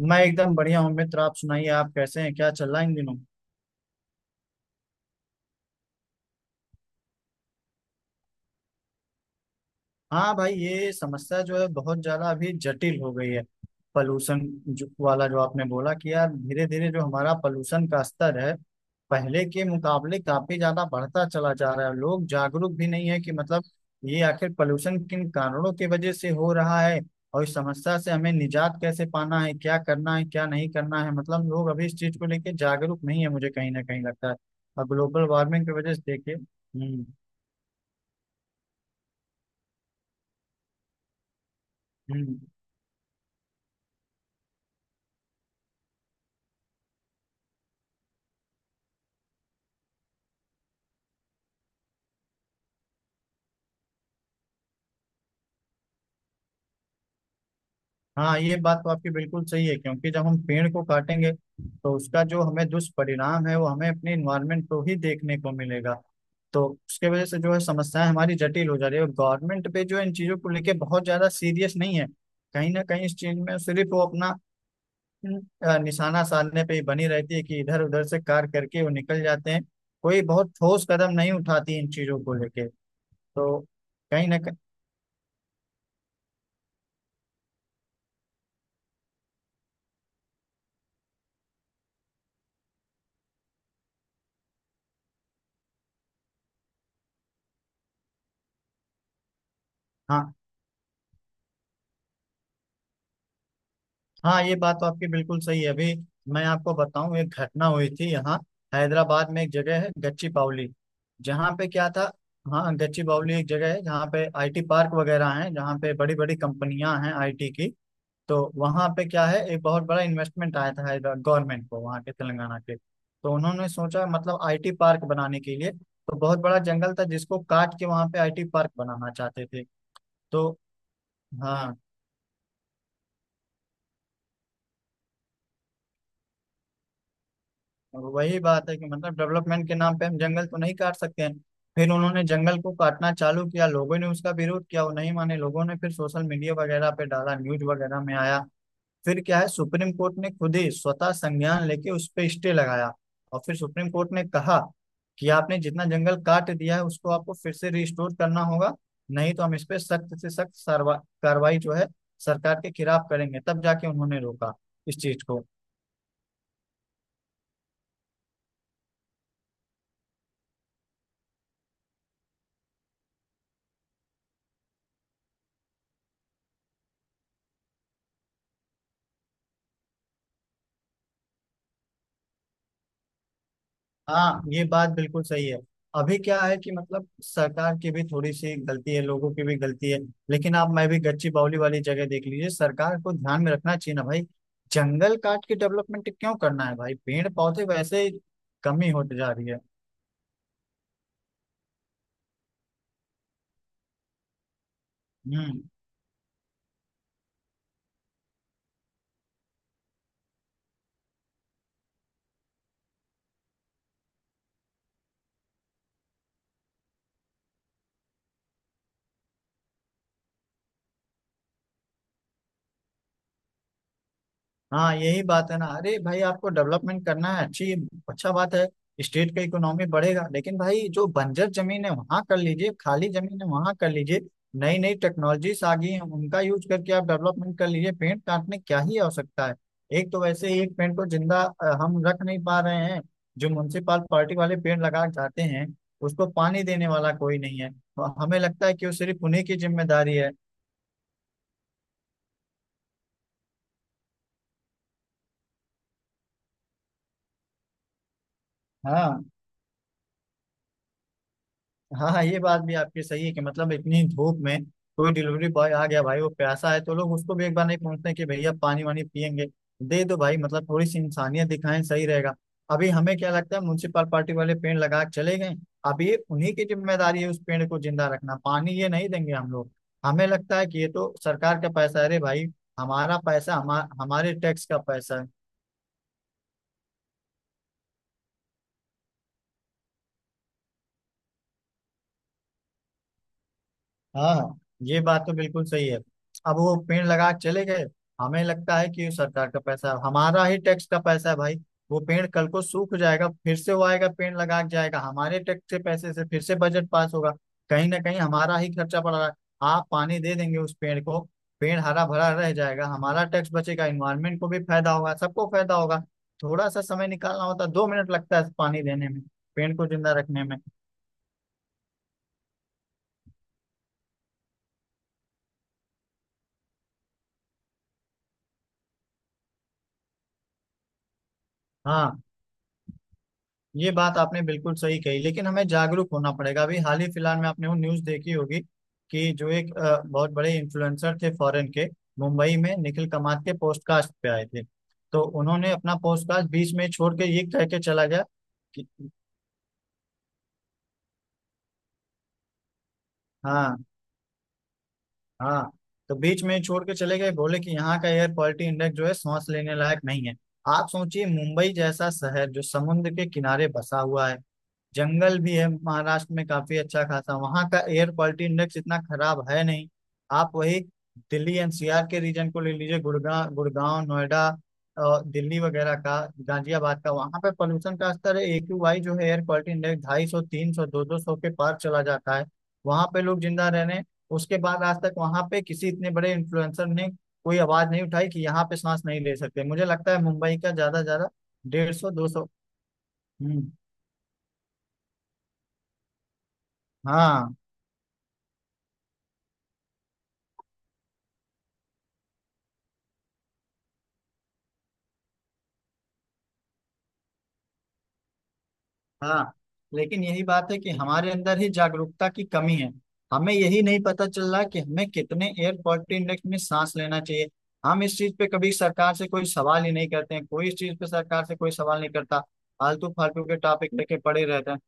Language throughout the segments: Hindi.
मैं एकदम बढ़िया हूँ मित्र। आप सुनाइए, आप कैसे हैं? क्या चल रहा है इन दिनों? हाँ भाई, ये समस्या जो है बहुत ज्यादा अभी जटिल हो गई है। पॉल्यूशन जो वाला जो आपने बोला कि यार धीरे धीरे जो हमारा पॉल्यूशन का स्तर है पहले के मुकाबले काफी ज्यादा बढ़ता चला जा रहा है। लोग जागरूक भी नहीं है कि मतलब ये आखिर पॉल्यूशन किन कारणों की वजह से हो रहा है, और इस समस्या से हमें निजात कैसे पाना है, क्या करना है, क्या नहीं करना है। मतलब लोग अभी इस चीज को लेके जागरूक नहीं है, मुझे कहीं ना कहीं लगता है। और ग्लोबल वार्मिंग की वजह से देखिए। हम्म। हम्म। हाँ, ये बात तो आपकी बिल्कुल सही है क्योंकि जब हम पेड़ को काटेंगे तो उसका जो हमें दुष्परिणाम है वो हमें अपने इन्वायरमेंट को ही देखने को मिलेगा। तो उसके वजह से जो है समस्याएं हमारी जटिल हो जा रही है। गवर्नमेंट पे जो है इन चीजों को लेके बहुत ज्यादा सीरियस नहीं है। कहीं ना कहीं इस चीज में सिर्फ वो अपना निशाना साधने पे ही बनी रहती है कि इधर उधर से कार करके वो निकल जाते हैं। कोई बहुत ठोस कदम नहीं उठाती इन चीजों को लेके। तो कहीं ना कहीं। हाँ हाँ, ये बात तो आपकी बिल्कुल सही है अभी। मैं आपको बताऊं, एक घटना हुई थी यहाँ। हैदराबाद में एक जगह है गच्ची बावली, जहाँ पे क्या था। हाँ, गच्ची बावली एक जगह है जहाँ पे आईटी पार्क वगैरह हैं, जहाँ पे बड़ी बड़ी कंपनियां हैं आईटी की। तो वहाँ पे क्या है, एक बहुत बड़ा इन्वेस्टमेंट आया था हैदराबाद गवर्नमेंट को, वहाँ के तेलंगाना के। तो उन्होंने सोचा मतलब आईटी पार्क बनाने के लिए, तो बहुत बड़ा जंगल था जिसको काट के वहाँ पे आईटी पार्क बनाना चाहते थे। तो हाँ, और वही बात है कि मतलब डेवलपमेंट के नाम पे हम जंगल तो नहीं काट सकते हैं। फिर उन्होंने जंगल को काटना चालू किया, लोगों ने उसका विरोध किया, वो नहीं माने। लोगों ने फिर सोशल मीडिया वगैरह पे डाला, न्यूज वगैरह में आया, फिर क्या है, सुप्रीम कोर्ट ने खुद ही स्वतः संज्ञान लेके उस पे स्टे लगाया। और फिर सुप्रीम कोर्ट ने कहा कि आपने जितना जंगल काट दिया है उसको आपको फिर से रिस्टोर करना होगा, नहीं तो हम इस पे सख्त से सख्त कार्रवाई जो है सरकार के खिलाफ करेंगे। तब जाके उन्होंने रोका इस चीज को। हाँ, ये बात बिल्कुल सही है। अभी क्या है कि मतलब सरकार की भी थोड़ी सी गलती है, लोगों की भी गलती है। लेकिन आप मैं भी, गच्ची बावली वाली जगह देख लीजिए, सरकार को ध्यान में रखना चाहिए ना भाई। जंगल काट के डेवलपमेंट क्यों करना है भाई? पेड़ पौधे वैसे ही कमी होती जा रही है। हम्म। हाँ, यही बात है ना। अरे भाई आपको डेवलपमेंट करना है, अच्छी अच्छा बात है। स्टेट का इकोनॉमी बढ़ेगा, लेकिन भाई जो बंजर जमीन है वहां कर लीजिए, खाली जमीन है वहां कर लीजिए। नई नई टेक्नोलॉजीज आ गई हैं, उनका यूज करके आप डेवलपमेंट कर लीजिए। पेड़ काटने क्या ही आवश्यकता है? एक तो वैसे ही एक पेड़ को जिंदा हम रख नहीं पा रहे हैं। जो म्युनिसिपाल पार्टी वाले पेड़ लगा के जाते हैं उसको पानी देने वाला कोई नहीं है, और हमें लगता है कि वो सिर्फ उन्हीं की जिम्मेदारी है। हाँ हाँ। हाँ, ये बात भी आपकी सही है कि मतलब इतनी धूप में कोई डिलीवरी बॉय आ गया भाई वो प्यासा है, तो लोग उसको भी एक बार नहीं पूछते कि भैया पानी वानी पियेंगे, दे दो भाई। मतलब थोड़ी सी इंसानियत दिखाएं, सही रहेगा। अभी हमें क्या लगता है, म्यूनसिपल पार्टी वाले पेड़ लगा के चले गए, अब ये उन्हीं की जिम्मेदारी है उस पेड़ को जिंदा रखना, पानी ये नहीं देंगे हम लोग। हमें लगता है कि ये तो सरकार का पैसा है। अरे भाई हमारा पैसा, हमारे टैक्स का पैसा है। हाँ हाँ, ये बात तो बिल्कुल सही है। अब वो पेड़ लगा के चले गए, हमें लगता है कि ये सरकार का पैसा है, हमारा ही टैक्स का पैसा है भाई। वो पेड़ कल को सूख जाएगा, फिर से वो आएगा पेड़ लगा के जाएगा हमारे टैक्स के पैसे से, फिर से बजट पास होगा। कहीं ना कहीं हमारा ही खर्चा पड़ रहा है। आप पानी दे देंगे उस पेड़ को, पेड़ हरा भरा रह जाएगा, हमारा टैक्स बचेगा, इन्वायरमेंट को भी फायदा होगा, सबको फायदा होगा। थोड़ा सा समय निकालना होता है, 2 मिनट लगता है पानी देने में, पेड़ को जिंदा रखने में। हाँ, ये बात आपने बिल्कुल सही कही। लेकिन हमें जागरूक होना पड़ेगा। अभी हाल ही फिलहाल में आपने वो न्यूज़ देखी होगी कि जो एक बहुत बड़े इन्फ्लुएंसर थे फॉरेन के, मुंबई में निखिल कमात के पॉडकास्ट पे आए थे, तो उन्होंने अपना पॉडकास्ट बीच में छोड़ के ये कह के चला गया कि। हाँ। हाँ। तो बीच में छोड़ के चले गए, बोले कि यहाँ का एयर क्वालिटी इंडेक्स जो है सांस लेने लायक नहीं है। आप सोचिए, मुंबई जैसा शहर जो समुद्र के किनारे बसा हुआ है, जंगल भी है महाराष्ट्र में काफी अच्छा खासा, वहाँ का एयर क्वालिटी इंडेक्स इतना खराब है नहीं। आप वही दिल्ली एनसीआर के रीजन को ले लीजिए, गुड़गांव गुड़गांव नोएडा और दिल्ली वगैरह का, गाजियाबाद का, वहाँ पे पोल्यूशन का स्तर है एक्यूआई जो है एयर क्वालिटी इंडेक्स 250, 300, दो दो सौ के पार चला जाता है। वहाँ पे लोग जिंदा रह रहे हैं। उसके बाद आज तक वहाँ पे किसी इतने बड़े इन्फ्लुएंसर ने कोई आवाज नहीं उठाई कि यहाँ पे सांस नहीं ले सकते। मुझे लगता है मुंबई का ज्यादा ज्यादा 150, 200। हम्म। हाँ। हाँ। लेकिन यही बात है कि हमारे अंदर ही जागरूकता की कमी है, हमें यही नहीं पता चल रहा कि हमें कितने एयर क्वालिटी इंडेक्स में सांस लेना चाहिए। हम इस चीज पे कभी सरकार से कोई सवाल ही नहीं करते हैं, कोई इस चीज पे सरकार से कोई सवाल नहीं करता। फालतू फालतू के टॉपिक लेके पड़े रहते हैं।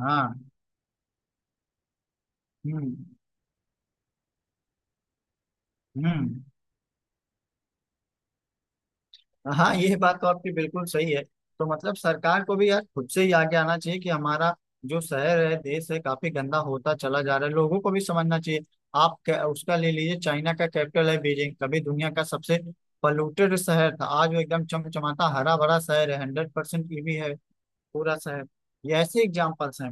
हाँ। हम्म। हम्म। हाँ, ये बात तो आपकी बिल्कुल सही है। तो मतलब सरकार को भी यार खुद से ही आगे आना चाहिए कि हमारा जो शहर है देश है काफी गंदा होता चला जा रहा है, लोगों को भी समझना चाहिए। आप उसका ले लीजिए, चाइना का कैपिटल है बीजिंग, कभी दुनिया का सबसे पॉल्यूटेड शहर था, आज वो एकदम चमचमाता हरा भरा शहर है। 100% ईवी है पूरा शहर। ये ऐसे एग्जाम्पल्स हैं।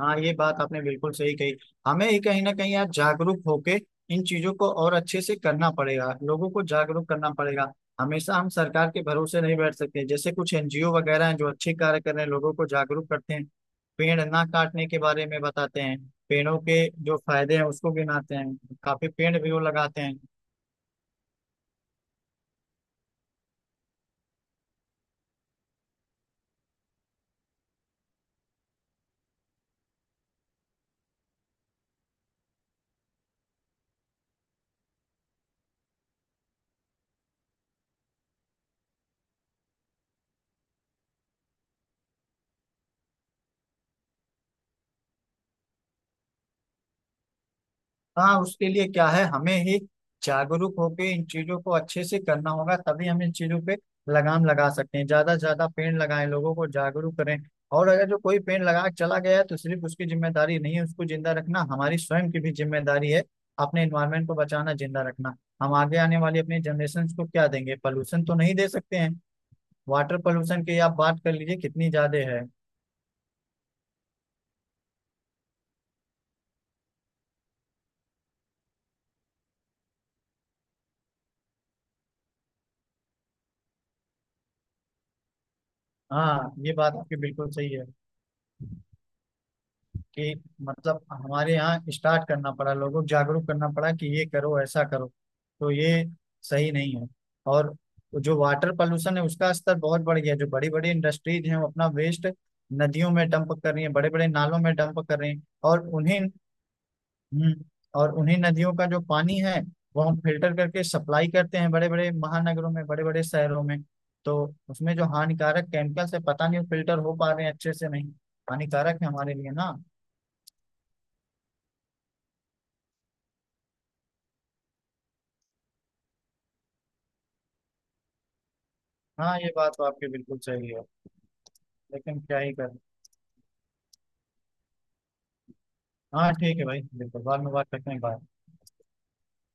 हाँ, ये बात आपने बिल्कुल सही कही। हमें ही कहीं ना कहीं आज जागरूक होके इन चीजों को और अच्छे से करना पड़ेगा, लोगों को जागरूक करना पड़ेगा। हमेशा हम सरकार के भरोसे नहीं बैठ सकते, जैसे कुछ एनजीओ वगैरह हैं जो अच्छे कार्य कर रहे हैं, लोगों को जागरूक करते हैं, पेड़ ना काटने के बारे में बताते हैं, पेड़ों के जो फायदे हैं उसको गिनाते हैं, काफी पेड़ भी वो लगाते हैं। हाँ। उसके लिए क्या है, हमें ही जागरूक होकर इन चीजों को अच्छे से करना होगा, तभी हम इन चीजों पे लगाम लगा सकते हैं। ज्यादा से ज्यादा पेड़ लगाएं, लोगों को जागरूक करें। और अगर जो कोई पेड़ लगा के चला गया है तो सिर्फ उसकी जिम्मेदारी नहीं है उसको जिंदा रखना, हमारी स्वयं की भी जिम्मेदारी है अपने इन्वायरमेंट को बचाना, जिंदा रखना। हम आगे आने वाली अपनी जनरेशन को क्या देंगे? पोल्यूशन तो नहीं दे सकते हैं। वाटर पोल्यूशन की आप बात कर लीजिए, कितनी ज्यादा है। हाँ, ये बात आपकी बिल्कुल सही है कि मतलब हमारे यहाँ स्टार्ट करना पड़ा, लोगों को जागरूक करना पड़ा कि ये करो, ऐसा करो। तो ये सही नहीं है। और जो वाटर पोल्यूशन है उसका स्तर बहुत बढ़ गया। जो बड़ी बड़ी इंडस्ट्रीज हैं वो अपना वेस्ट नदियों में डंप कर रही हैं, बड़े बड़े नालों में डंप कर रही हैं। और उन्हीं। हम्म, और उन्हीं नदियों का जो पानी है वो हम फिल्टर करके सप्लाई करते हैं बड़े बड़े महानगरों में, बड़े बड़े शहरों में। तो उसमें जो हानिकारक केमिकल्स है पता नहीं फिल्टर हो पा रहे हैं अच्छे से नहीं। हानिकारक है हमारे लिए ना। हाँ, ये बात तो आपकी बिल्कुल सही है। लेकिन क्या ही कर। हाँ ठीक है भाई, बिल्कुल बाद में बात करते हैं। बाय।